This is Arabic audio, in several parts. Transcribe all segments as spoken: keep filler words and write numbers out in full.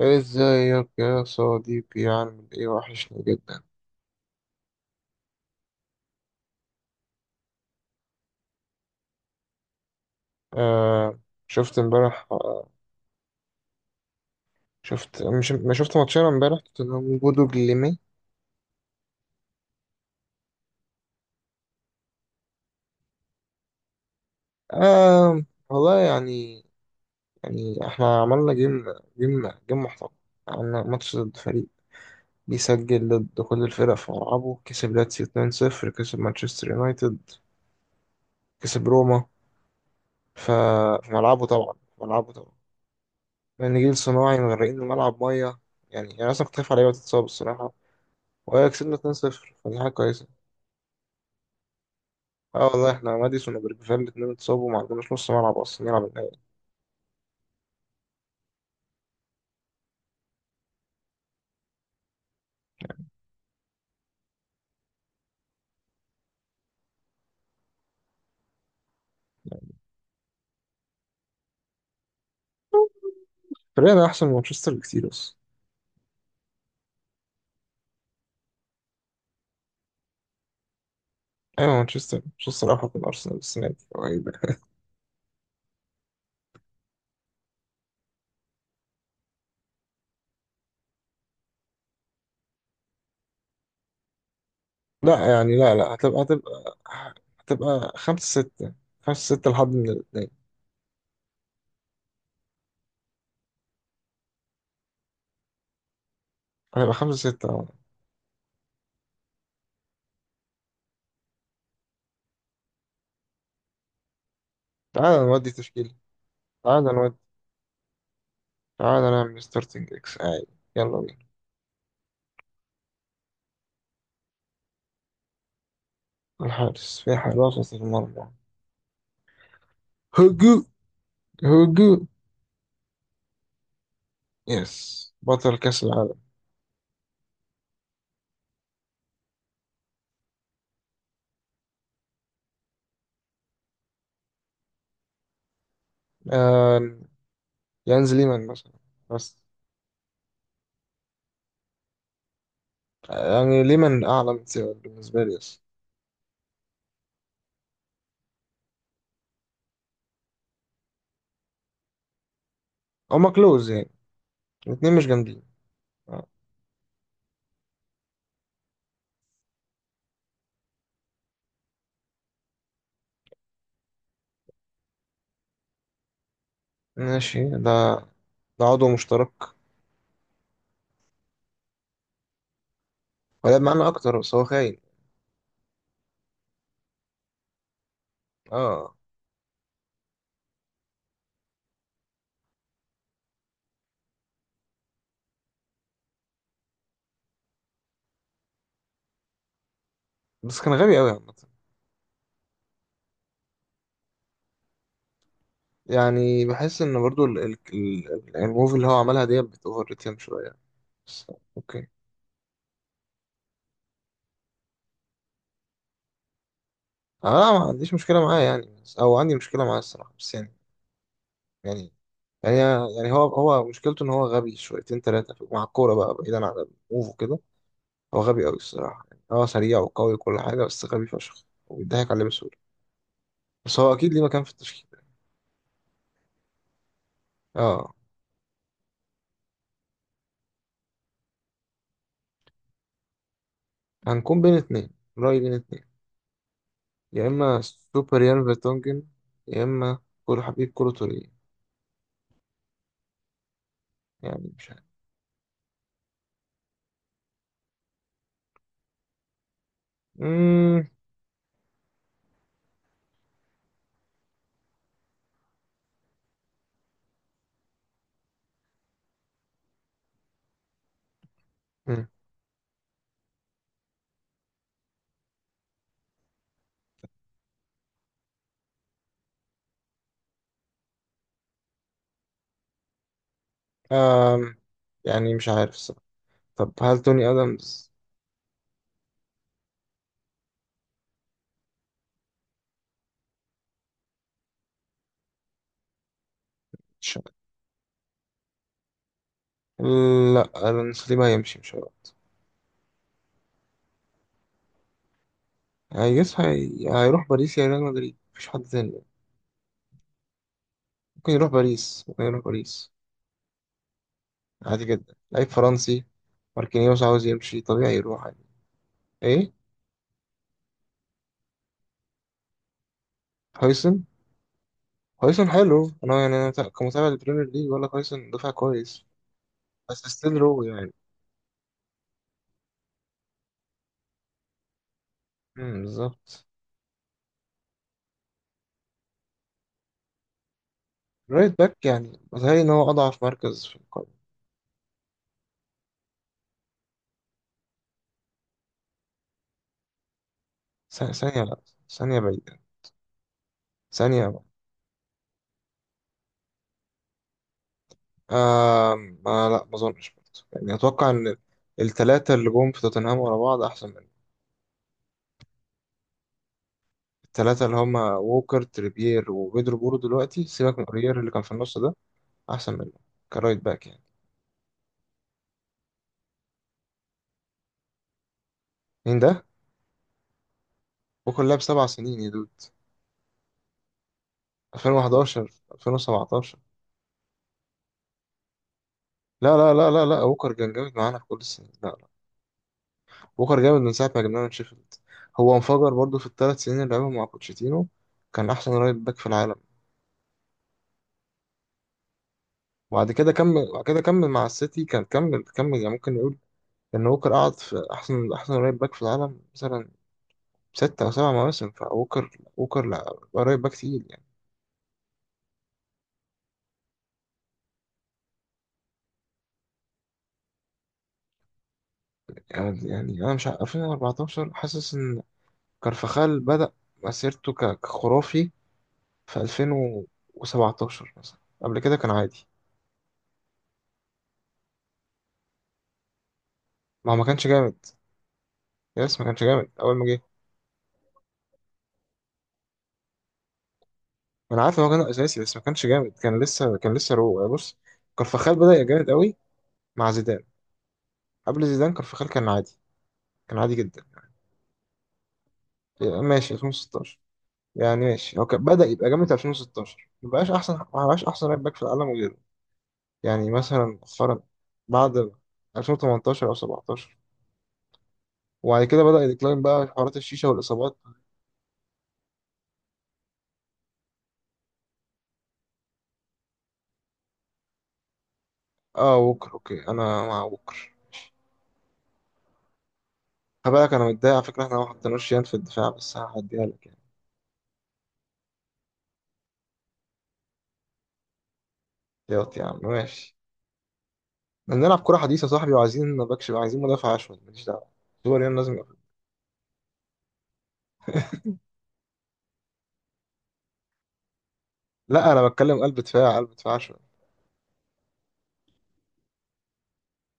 ازيك يا صديقي، عامل ايه؟ وحشني جدا. آه، شفت امبارح؟ آه شفت، مش ما شفت ماتشين امبارح، توتنهام وبودو جليمي؟ آه والله، يعني يعني احنا عملنا جيم جيم جيم محترم. عملنا ماتش ضد فريق بيسجل ضد كل الفرق في ملعبه، كسب لاتسيو اتنين صفر، كسب مانشستر يونايتد، كسب روما، ف- في ملعبه طبعا، في ملعبه طبعا، من جيل صناعي مغرقين الملعب ميه. يعني يعني اصلا كنت خايف على لعيبه تتصاب الصراحه، وهي كسبنا اثنين صفر فدي حاجة كويسة. اه والله، احنا ماديسون وبرجفال الاتنين اتصابوا، ما عندناش نص ملعب اصلا نلعب النهائي. فريقنا احسن من مانشستر بكتير، بس ايوه، مانشستر، مانشستر افضل من ارسنال السنة دي، هو ايه ده؟ لا يعني، لا لا، هتبقى هتبقى هتبقى خمسة ستة، خمسة ستة، لحد من الاتنين. هتبقى خمسة ستة، اه. تعالى نودي تشكيلة. تعالى نودي. تعالى نعمل ستارتنج اكس عادي، يلا بينا. الحارس، في حارس وسط المرمى. هجوم، هجوم. يس، بطل كأس العالم. آه. يانز ليمان مثلا، بس يعني ليمان اعلى من سيبك بالنسبه لي، بس هما كلوز يعني، الاتنين مش جامدين. آه. ماشي ده، ده عضو مشترك، ولعب معانا اكتر بس هو خاين. اه، بس كان غبي قوي عامه. يعني بحس ان برضو ال- ال- ال- الموف اللي هو عملها دي بتوفر ريتم شويه، بس اوكي. انا ما عنديش مشكله معاه يعني، بس او عندي مشكله معاه الصراحه، بس يعني يعني يعني يعني هو هو مشكلته ان هو غبي شويتين ثلاثه مع الكوره بقى، بعيدا عن الموف وكده. هو غبي قوي الصراحة، يعني هو سريع وقوي وكل حاجة، بس غبي فشخ وبيضحك عليه بسهولة. بس هو أكيد ليه مكان في التشكيل. اه. هنكون بين اتنين، رأيي بين اتنين: يا إما سوبر يان فيرتونجن، يا إما كل حبيب كولو توريه، يعني مش عارف. مم. مم. آم. يعني مش عارف الصراحة. طب هل توني آدمز؟ مش عارف. لا، ألونسو دي ما هيمشي، مش هيروح. هيجس هي... هيروح باريس يا ريال مدريد، مفيش حد تاني. ممكن يروح باريس، ممكن يروح باريس، عادي جدا، لعيب فرنسي. ماركينيوس عاوز يمشي طبيعي، يروح عادي. ايه؟ هويسن. هويسن حلو، انا يعني انا كمتابع للبريمير ليج ولا هويسن دفع كويس، بس ستيل رو يعني. امم، بالظبط. رايت باك، يعني بتهيألي ان هو اضعف مركز في القائمة. ث- ثانية لا. ثانية بعيدة، ثانية بعيدة. آم... آه، ما لا، ما اظنش برضه. يعني اتوقع ان الثلاثة اللي جم في توتنهام ورا بعض احسن منه. الثلاثة اللي هما ووكر، تريبير، وبيدرو بورو دلوقتي، سيبك من اوريير اللي كان في النص ده، احسن منه كرايت باك يعني. مين ده؟ بوكر لعب سبع سنين يا دود، ألفين وحداشر ألفين وسبعتاشر. لا، لا، لا، لا، لا، بوكر كان جامد معانا في كل السنين، لا، لا. بوكر جامد من ساعه ما جبناه من شيفيلد. هو انفجر برضه في الثلاث سنين اللي لعبهم مع بوتشيتينو، كان احسن رايت باك في العالم. وبعد كده كمل، بعد كده كمل مع السيتي، كان كمل كمل يعني، ممكن نقول ان ووكر قعد في احسن، احسن رايت باك في العالم مثلا ستة أو سبع مواسم. فووكر، ووكر لا، رايت باك تقيل يعني. يعني يعني أنا مش عارف، ألفين واربعتاشر حاسس إن كارفاخال بدأ مسيرته ك- كخرافي في ألفين وسبعة عشر مثلا، قبل كده كان عادي. ما هو ما كانش جامد. يس ما كانش جامد أول ما جه. ما أنا عارف إن هو كان أساسي بس ما كانش جامد، كان لسه، كان لسه رو يعني. بص، كارفاخال بدأ يبقى جامد قوي مع زيدان، قبل زيدان كارفاخال كان عادي، كان عادي جدا. يعني ماشي ألفين وستاشر، يعني ماشي هو كان بدأ يبقى جامد في ألفين وستاشر، ما بقاش أحسن، ما بقاش أحسن رايت باك في العالم وغيره. يعني مثلا مؤخرا بعد ألفين وتمنتاشر أو سبعة عشر، وبعد كده بدأ يديكلاين، بقى حوارات الشيشة والإصابات. اه ووكر اوكي، انا مع ووكر. خلي بالك انا متضايق على فكره احنا ما حطيناش يان في الدفاع، بس هعديها لك يعني. ياض يا عم ماشي. احنا بنلعب كره حديثه يا صاحبي، وعايزين باكش، عايزين مدافع اشول، ماليش دعوه. دول يان لازم يقفل. لا انا بتكلم قلب دفاع، قلب دفاع اشول.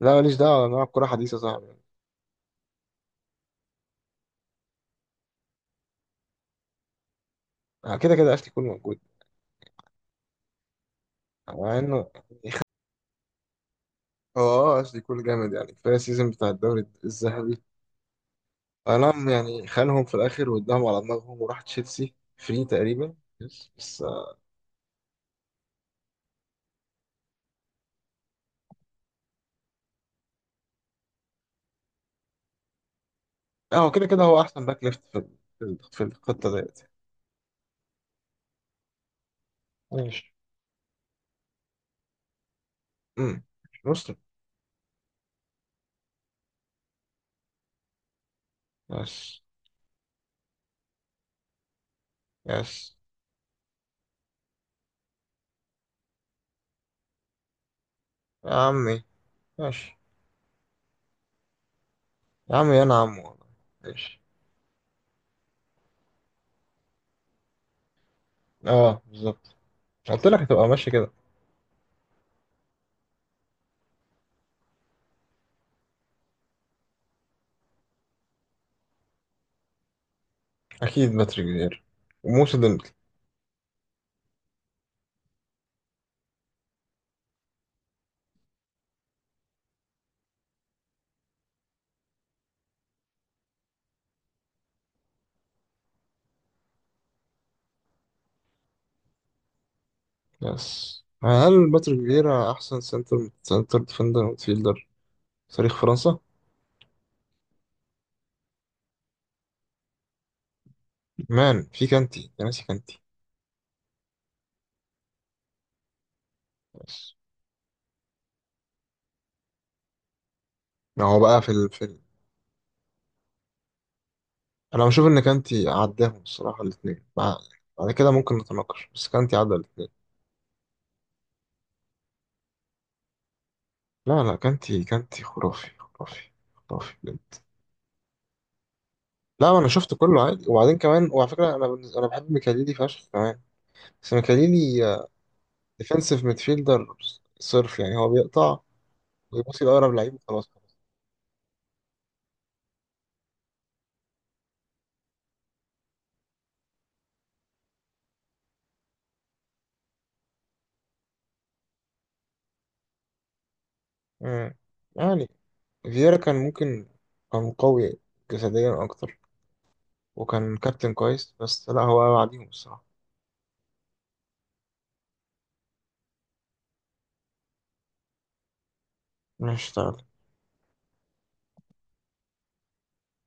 لا ماليش دعوه، بنلعب كره حديثه يا صاحبي. آه، كده كده اشلي كول موجود، مع انه، اه. آه، اشلي كول جامد يعني، كفايه السيزون بتاع الدوري الذهبي. انا يعني خانهم في الاخر واداهم على دماغهم وراح تشيلسي فري تقريبا، بس لا. هو كده كده هو احسن باك ليفت في في في الخطه ديت. ماشي. امم. مسلم. يس. يس. يا عمي ماشي. يا عمي انا عمو والله. ماشي. اه بالظبط، قلت لك هتبقى ماشي كده. اكيد باتريك فييرا وموسى ديمبلي. يس، هل باتريك فييرا احسن سنتر سنتر ديفندر ميدفيلدر في تاريخ فرنسا؟ مان، في كانتي يا ناسي، كانتي. يس. ما هو بقى في ال... في ال... انا بشوف ان كانتي عداهم الصراحه، الاثنين بعد كده ممكن نتناقش، بس كانتي عدى الاثنين. لا، لا، كانتي، كانتي خرافي، خرافي، خرافي بجد. لا، ما انا شفت كله عادي، وبعدين كمان وعلى فكره انا بالنسبة انا بحب ميكاليلي فشخ كمان، بس ميكاليلي ديفensive ميدفيلدر صرف، يعني هو بيقطع ويبصي لاقرب لعيب وخلاص. مم. يعني فييرا كان ممكن، كان قوي جسديا اكتر، وكان كابتن كويس، بس لا هو بعديهم الصراحه. مش